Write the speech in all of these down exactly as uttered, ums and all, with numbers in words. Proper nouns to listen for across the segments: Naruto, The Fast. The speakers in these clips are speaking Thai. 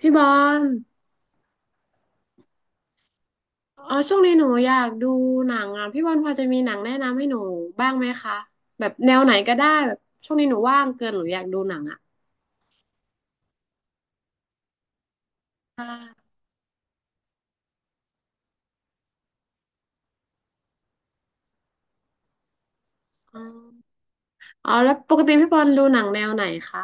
พี่บอลอ๋อช่วงนี้หนูอยากดูหนังอ่ะพี่บอลพอจะมีหนังแนะนำให้หนูบ้างไหมคะแบบแนวไหนก็ได้แบบช่วงนี้หนูว่างเกินหนูอยากดูหนังอ่ะอ่าอ๋ออ๋อแล้วปกติพี่บอลดูหนังแนวไหนคะ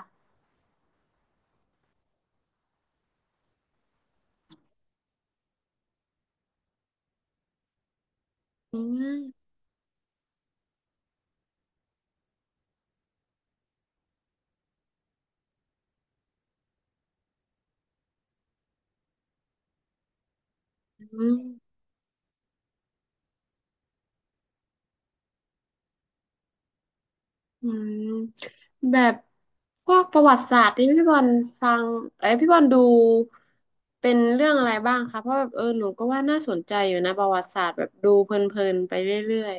อืมอืมอืมแบบพวกประวัติศาสตร์ที่พี่บอลฟังเอ้ยพี่บอลดูเป็นเรื่องอะไรบ้างคะเพราะแบบเออหนูก็ว่าน่าสนใจอยู่นะประวัติศาสตร์แบบดูเพลินๆไปเรื่อย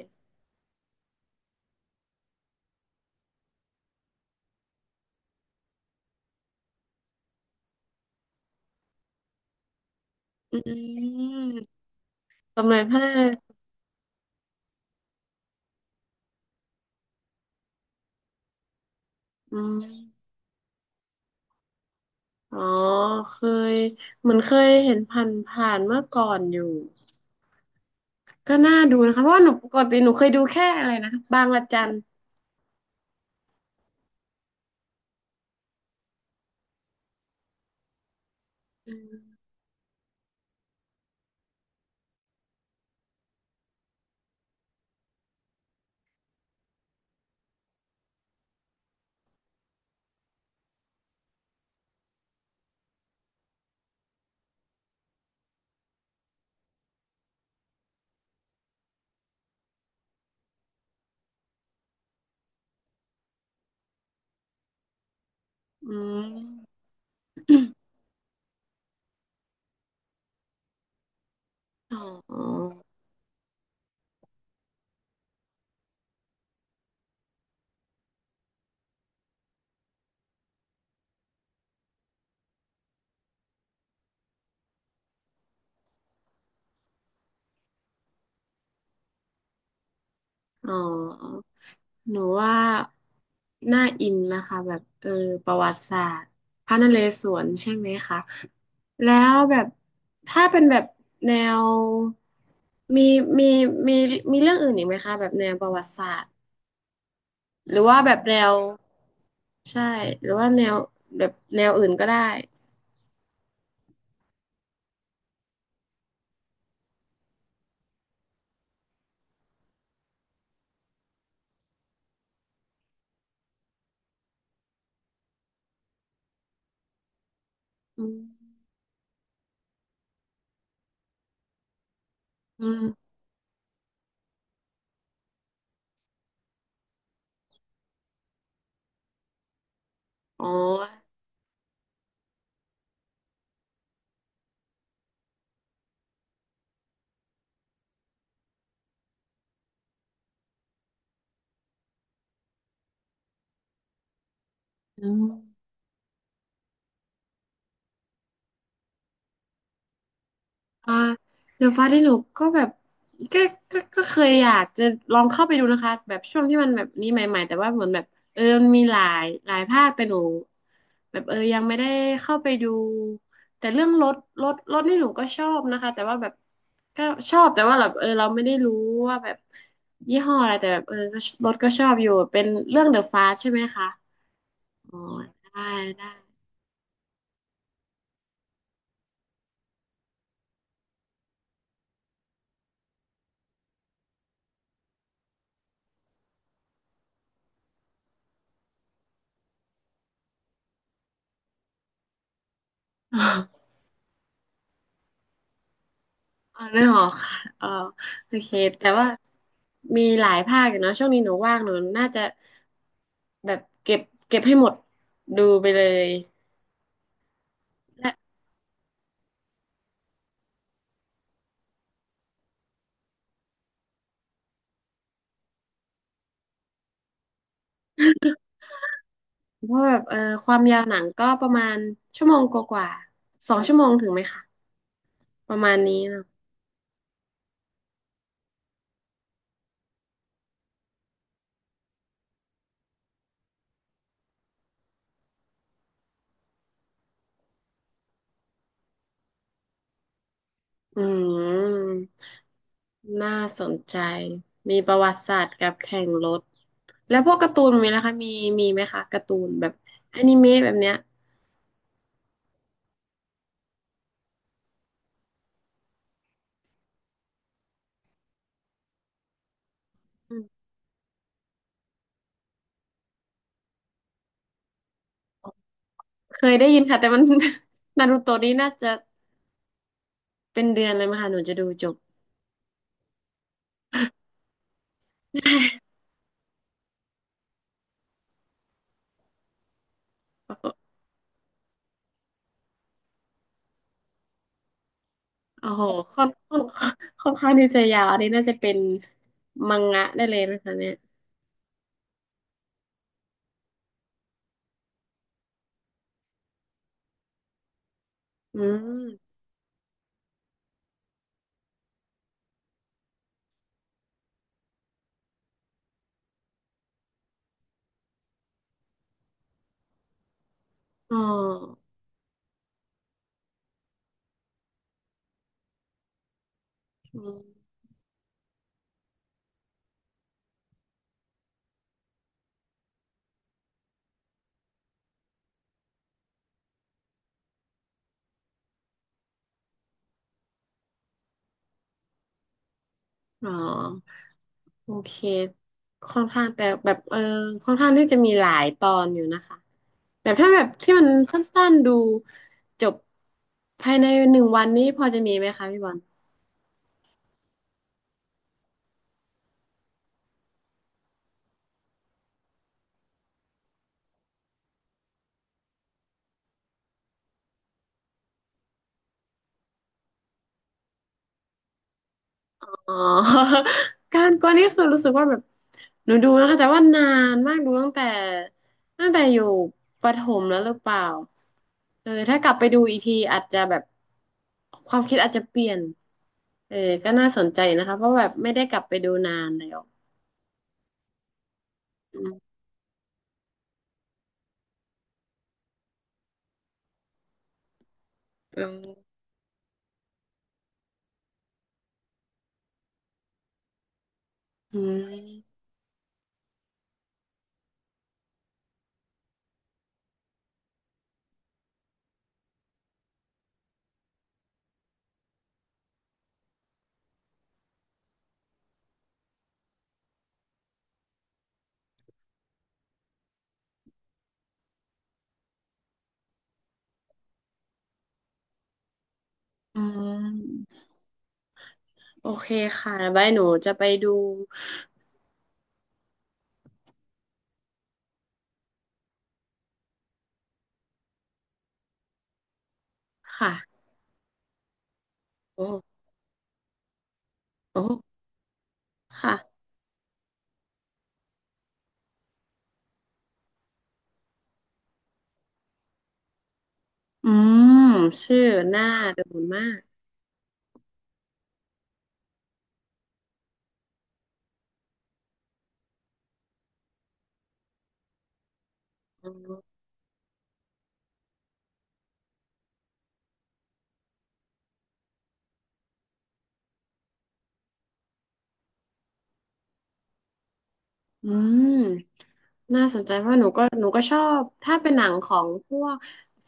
ๆอืมสมเด็จพระนาง อืมอ๋อเคยเหมือนเคยเห็นผ่านผ่านเมื่อก่อนอยู่ก็น่าดูนะคะเพราะว่าหนูปกติหนูเคยดูแค่อะไรนะบางระจันอืมอืมอ๋ออ๋อหนูว่าน่าอินนะคะแบบเออประวัติศาสตร์พระนเรศวรใช่ไหมคะแล้วแบบถ้าเป็นแบบแนวมีมีมีมีเรื่องอื่นอีกไหมคะแบบแนวประวัติศาสตร์ หรือว่าแบบแนวใช่หรือว่าแนวแบบแนวอื่นก็ได้อืมอืมอ๋ออืมอ่าเดอะฟาสที่หนูก็แบบก็ก็ก็เคยอยากจะลองเข้าไปดูนะคะแบบช่วงที่มันแบบนี้ใหม่ๆแต่ว่าเหมือนแบบเออมันมีหลายหลายภาคแต่หนู แบบเออยังไม่ได้เข้าไปดูแต่เรื่องรถรถรถนี่หนูก็ชอบนะคะแต่ว่าแบบก็ชอบแต่ว่าแบบเออเราไม่ได้รู้ว่าแบบยี่ห้ออะไรแต่แบบเออก็รถก็ชอบอยู่เป็นเรื่องเดอะฟาสใช่ไหมคะอ๋อได้ได้ อ๋อนึหองหอกค่ะอ๋อโอเคแต่ว่ามีหลายภาคอยู่เนาะช่วงนี้หนูว่างหนูน่าจะแบบเก็บเก็บให้หมดดูไปเลย เพราะแบบเออความยาวหนังก็ประมาณชั่วโมงกว่าๆสองชั่วโมงถึงไหมคะประมาณนี้เนอะอืมน่าสนใจมีประวัติศาสตร์กับแข่งรถแล้วพวกการ์ตูนมี้วคะมีมีไหมคะการ์ตูนแบบอนิเมะแบบเนี้ยอืมเคยได้ยินค่ะแต่มัน นารูโตะนี่น่าจะเป็นเดือนเลยมั้ยคะหนูจะดูจบ โอ้โหโอ้โหค่อนค่อนค่อนข้างที่จะยาวอันนี้น่าจะเป็นมังงะได้เลยนะคะเนี่ยอืมอ๋อ อืมอ๋อโอเคค่อนข้างแต่แบบเออค่อนข้างที่จะมีหลายตอนอยู่นะคะแบบถ้าแบบที่มันสั้นๆดูจบภายในหนึ่งวันนี้พอจะมีไหมคะพี่บอล อ๋อ การกวนนี่คือรู้สึกว่าแบบหนูดูนะคะแต่ว่านานมากดูตั้งแต่ตั้งแต่อยู่ประถมแล้วหรือเปล่าเออถ้ากลับไปดูอีกทีอาจจะแบบความคิดอาจจะเปลี่ยนเออก็น่าสนใจนะคะเพราะแบบไม่ได้กลับไปดูนานแล้วอืมอืมอืมอืมโอเคค่ะบายหนูจะไปดูค่ะโอ้โอ้ค่ะอืมชื่อน่าดูมากอ๋อ อืมน่าสนใจเพราะหนูก็หนูก็ชอบถ้าเป็นหนังของพวก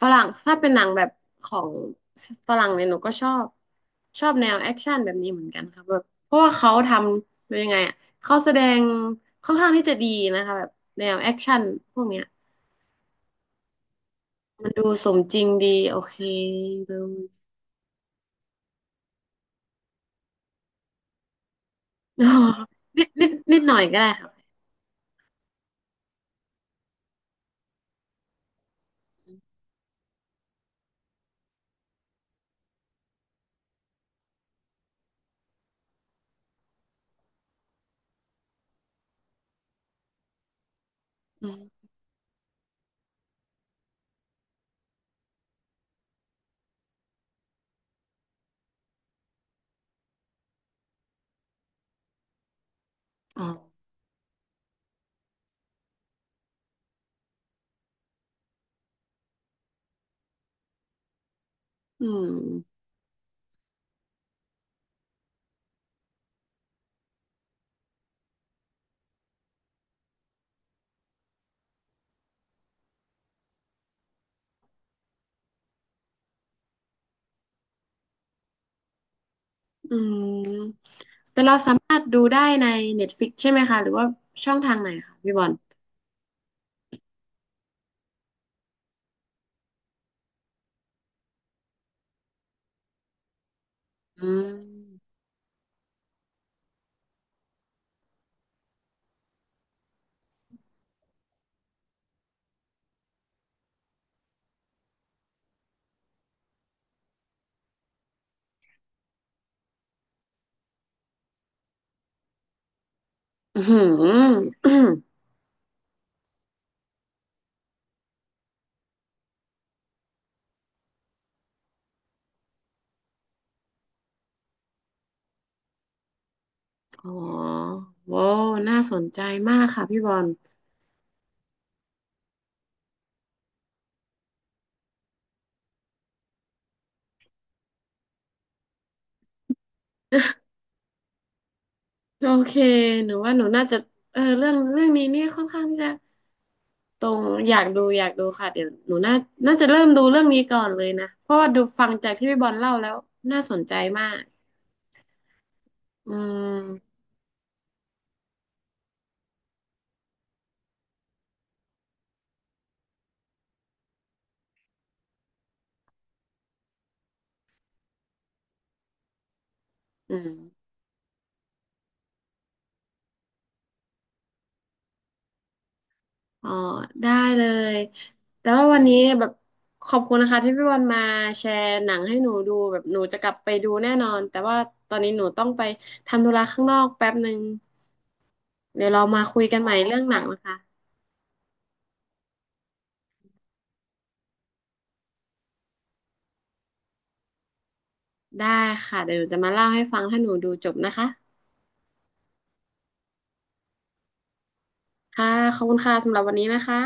ฝรั่งถ้าเป็นหนังแบบของฝรั่งเนี่ยหนูก็ชอบชอบแนวแอคชั่นแบบนี้เหมือนกันครับแบบเพราะว่าเขาทำเป็นยังไงอ่ะเขาแสดงค่อนข้างที่จะดีนะคะแบบแนวแอคชั่นพวกเนี้ยมันดูสมจริงดีโอเคดู อ๋อนิดนิดนิดหน่อยก็ได้ครับอืมอ๋ออืม อืมแต่เราสามารถดูได้ใน Netflix ใช่ไหมคะหรือว่าช่องทางไหนคะพี่บอลอืมอืม อหือออ๋อโว้วน่าสนใจมากค่ะพี่บอลโอเคหนูว่าหนูน่าจะเออเรื่องเรื่องนี้เนี่ยค่อนข้างที่จะตรงอยากดูอยากดูค่ะเดี๋ยวหนูน่าน่าจะเริ่มดูเรื่องนี้ก่อนเลยนะเพราะว่าดูฟังจากที่พี่บอลเล่าแล้วน่าสนใจมากอืมอืม อ๋อได้เลยแต่ว่าวันนี้แบบขอบคุณนะคะที่พี่วันมาแชร์หนังให้หนูดูแบบหนูจะกลับไปดูแน่นอนแต่ว่าตอนนี้หนูต้องไปทำธุระข้างนอกแป๊บหนึ่งเดี๋ยวเรามาคุยกันใหม่เรื่องหนังนะคะได้ค่ะเดี๋ยวหนูจะมาเล่าให้ฟังถ้าหนูดูจบนะคะค่ะขอบคุณค่ะสำหรับวันนี้นะคะ